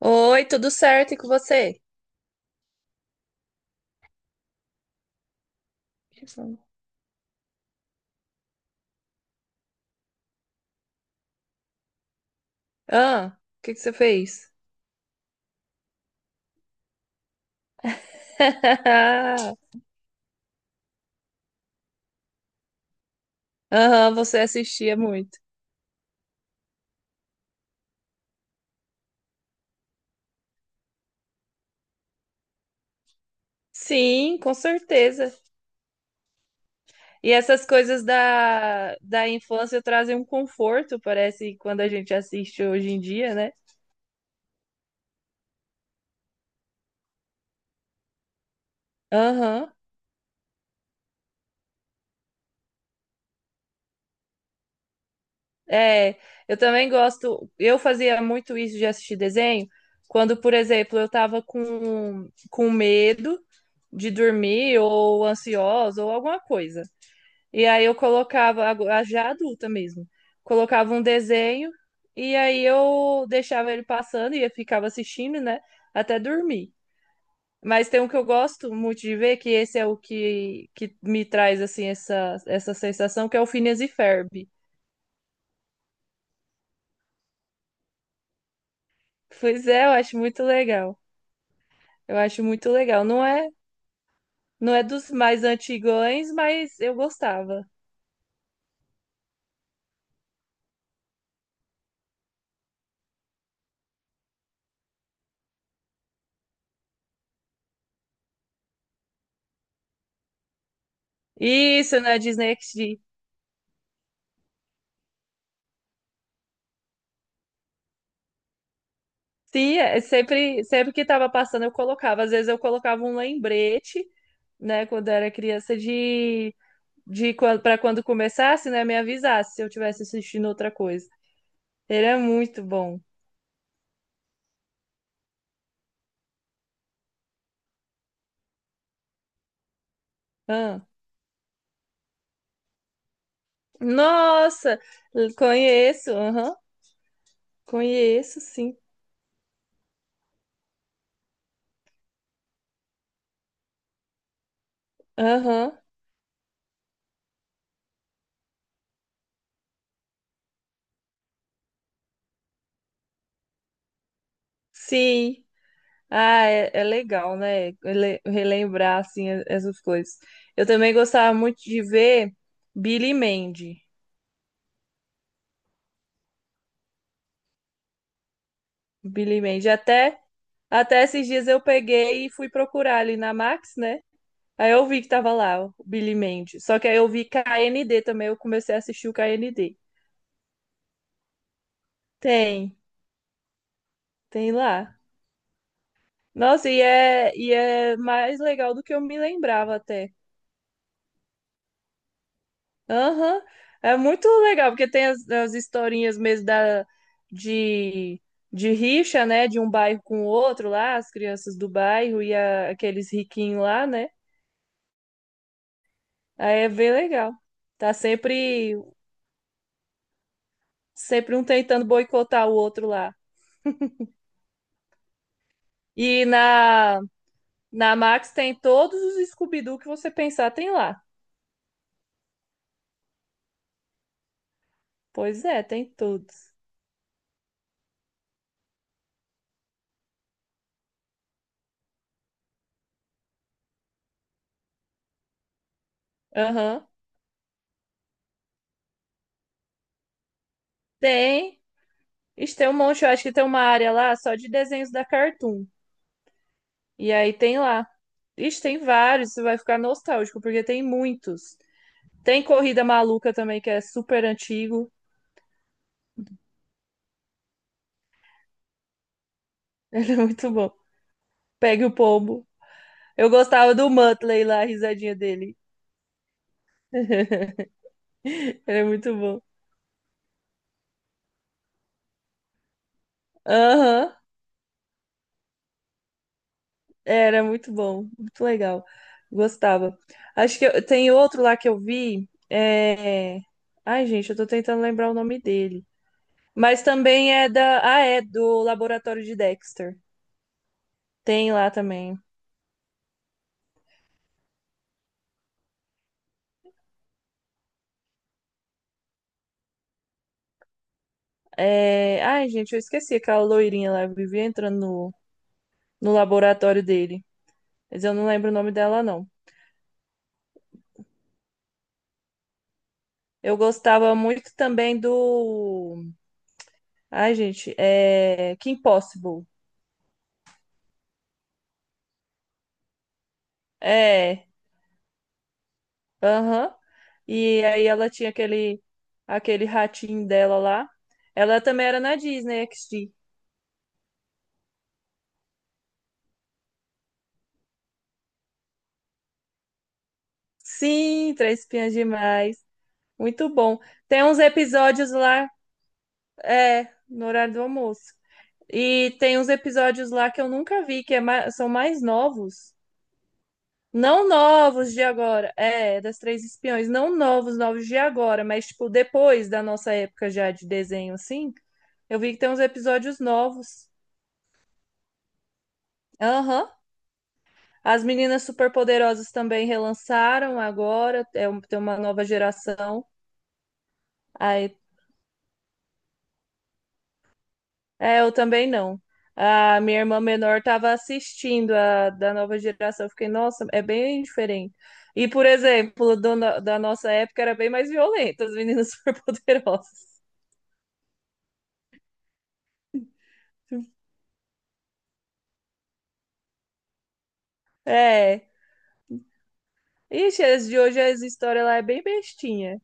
Oi, tudo certo e com você? Ah, o que que você fez? Aham, você assistia muito. Sim, com certeza. E essas coisas da infância trazem um conforto, parece, quando a gente assiste hoje em dia, né? Aham. É, eu também gosto. Eu fazia muito isso de assistir desenho quando, por exemplo, eu tava com medo de dormir ou ansiosa ou alguma coisa. E aí eu colocava, já adulta mesmo, colocava um desenho e aí eu deixava ele passando e eu ficava assistindo, né, até dormir. Mas tem um que eu gosto muito de ver, que esse é o que me traz, assim, essa sensação, que é o Phineas e Ferb. Pois é, eu acho muito legal. Eu acho muito legal. Não é, não é dos mais antigões, mas eu gostava. Isso, na Disney XD. Sim, é sempre, sempre que estava passando eu colocava. Às vezes eu colocava um lembrete, né, quando eu era criança, de quando, para quando começasse, né, me avisasse se eu tivesse assistindo outra coisa. Ele é muito bom. Ah. Nossa, conheço, aham, conheço, sim. Aham, sim. Ah, é, é legal, né, relembrar, assim, essas coisas. Eu também gostava muito de ver Billy Mandy. Billy Mandy, até. Até esses dias eu peguei e fui procurar ali na Max, né? Aí eu vi que tava lá o Billy Mandy. Só que aí eu vi KND também, eu comecei a assistir o KND. Tem, tem lá. Nossa, e é mais legal do que eu me lembrava até. Aham, é muito legal, porque tem as historinhas mesmo da, de, de rixa, né? De um bairro com o outro lá, as crianças do bairro e aqueles riquinhos lá, né? Aí é bem legal. Tá sempre sempre um tentando boicotar o outro lá. E na Max tem todos os Scooby-Doo que você pensar, tem lá. Pois é, tem todos. Aham. Tem. Ixi, tem um monte, eu acho que tem uma área lá só de desenhos da Cartoon. E aí tem lá. Ixi, tem vários, você vai ficar nostálgico, porque tem muitos. Tem Corrida Maluca também, que é super antigo. Ele é muito bom. Pegue o pombo. Eu gostava do Muttley lá, a risadinha dele. Ele é muito bom. Aham. Era muito bom, muito legal. Gostava. Acho que tem outro lá que eu vi. É... Ai, gente, eu tô tentando lembrar o nome dele. Mas também é da. Ah, é do Laboratório de Dexter. Tem lá também. É... Ai, gente, eu esqueci aquela loirinha lá. Eu vivia entrando no, no laboratório dele. Mas eu não lembro o nome dela, não. Eu gostava muito também do. Ai, gente, é. Kim Possible. É. Aham. E aí ela tinha aquele, aquele ratinho dela lá. Ela também era na Disney XD. Sim, Três Espiãs Demais. Muito bom. Tem uns episódios lá, é, no horário do almoço. E tem uns episódios lá que eu nunca vi, que é são mais novos. Não novos de agora, é, das Três Espiões. Não novos, novos de agora, mas, tipo, depois da nossa época já de desenho, assim. Eu vi que tem uns episódios novos. Aham. As meninas superpoderosas também relançaram agora, é tem uma nova geração. Aí, é, eu também não. A minha irmã menor estava assistindo a da nova geração. Eu fiquei, nossa, é bem diferente. E, por exemplo, do da nossa época era bem mais violenta, as meninas superpoderosas. É. Ixi, as de hoje as histórias lá é bem bestinha.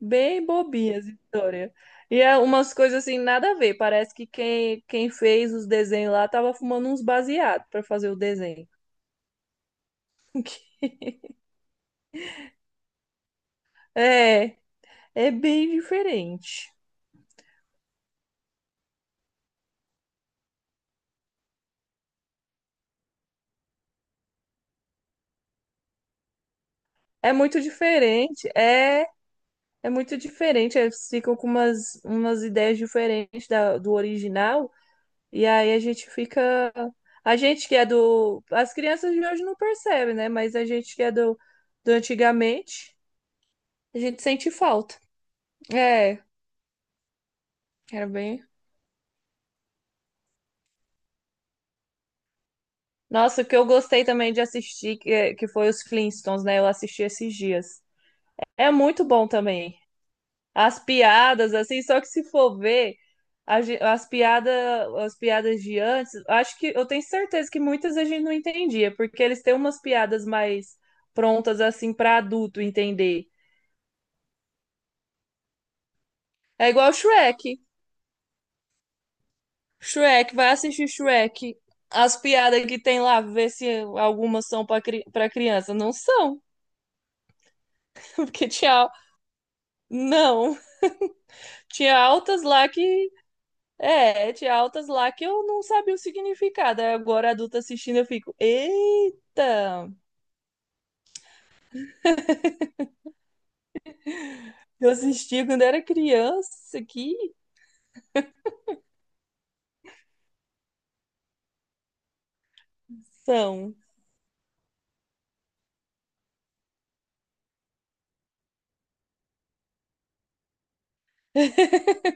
Bem bobinhas, essa história. E é umas coisas assim, nada a ver. Parece que quem, quem fez os desenhos lá tava fumando uns baseados para fazer o desenho. É, é bem diferente. É muito diferente. É, é muito diferente. Eles ficam com umas ideias diferentes da, do original. E aí a gente fica. A gente que é do. As crianças de hoje não percebem, né? Mas a gente que é do, do antigamente, a gente sente falta. É, era bem. Nossa, o que eu gostei também de assistir, que foi os Flintstones, né? Eu assisti esses dias. É muito bom também. As piadas, assim, só que se for ver a ge- as piadas, as piadas de antes, acho que eu tenho certeza que muitas a gente não entendia, porque eles têm umas piadas mais prontas, assim, para adulto entender. É igual Shrek. Shrek, vai assistir Shrek. As piadas que tem lá, ver se algumas são para criança. Não são, porque tchau, não. Tinha altas lá que. É, tinha altas lá que eu não sabia o significado. Aí agora, adulta assistindo, eu fico, eita! Eu assisti quando era criança, que são.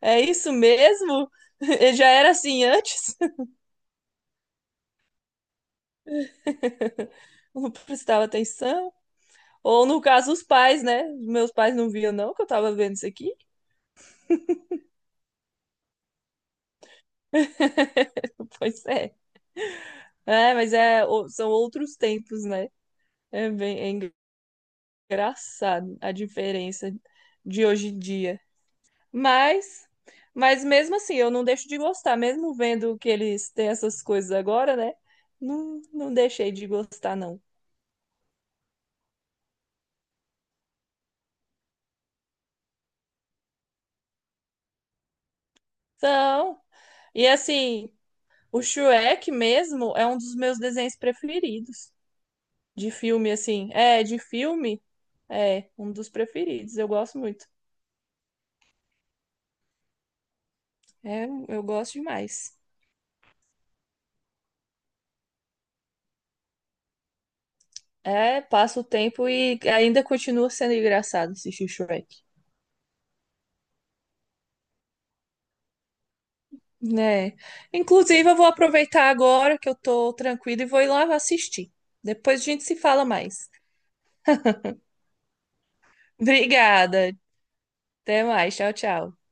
É isso mesmo? Eu já era assim antes? Não prestava atenção? Ou no caso, os pais, né? Meus pais não viam, não, que eu tava vendo isso aqui. Pois é. É, mas é, são outros tempos, né? É bem é engraçado a diferença de hoje em dia. Mas, mas mesmo assim, eu não deixo de gostar, mesmo vendo que eles têm essas coisas agora, né? Não, não deixei de gostar, não. Então, e assim, o Shrek mesmo é um dos meus desenhos preferidos. De filme, assim. É, de filme, é um dos preferidos. Eu gosto muito. É, eu gosto demais. É, passa o tempo e ainda continua sendo engraçado assistir Shrek. É. Inclusive, eu vou aproveitar agora que eu tô tranquila e vou ir lá assistir. Depois a gente se fala mais. Obrigada. Até mais. Tchau, tchau.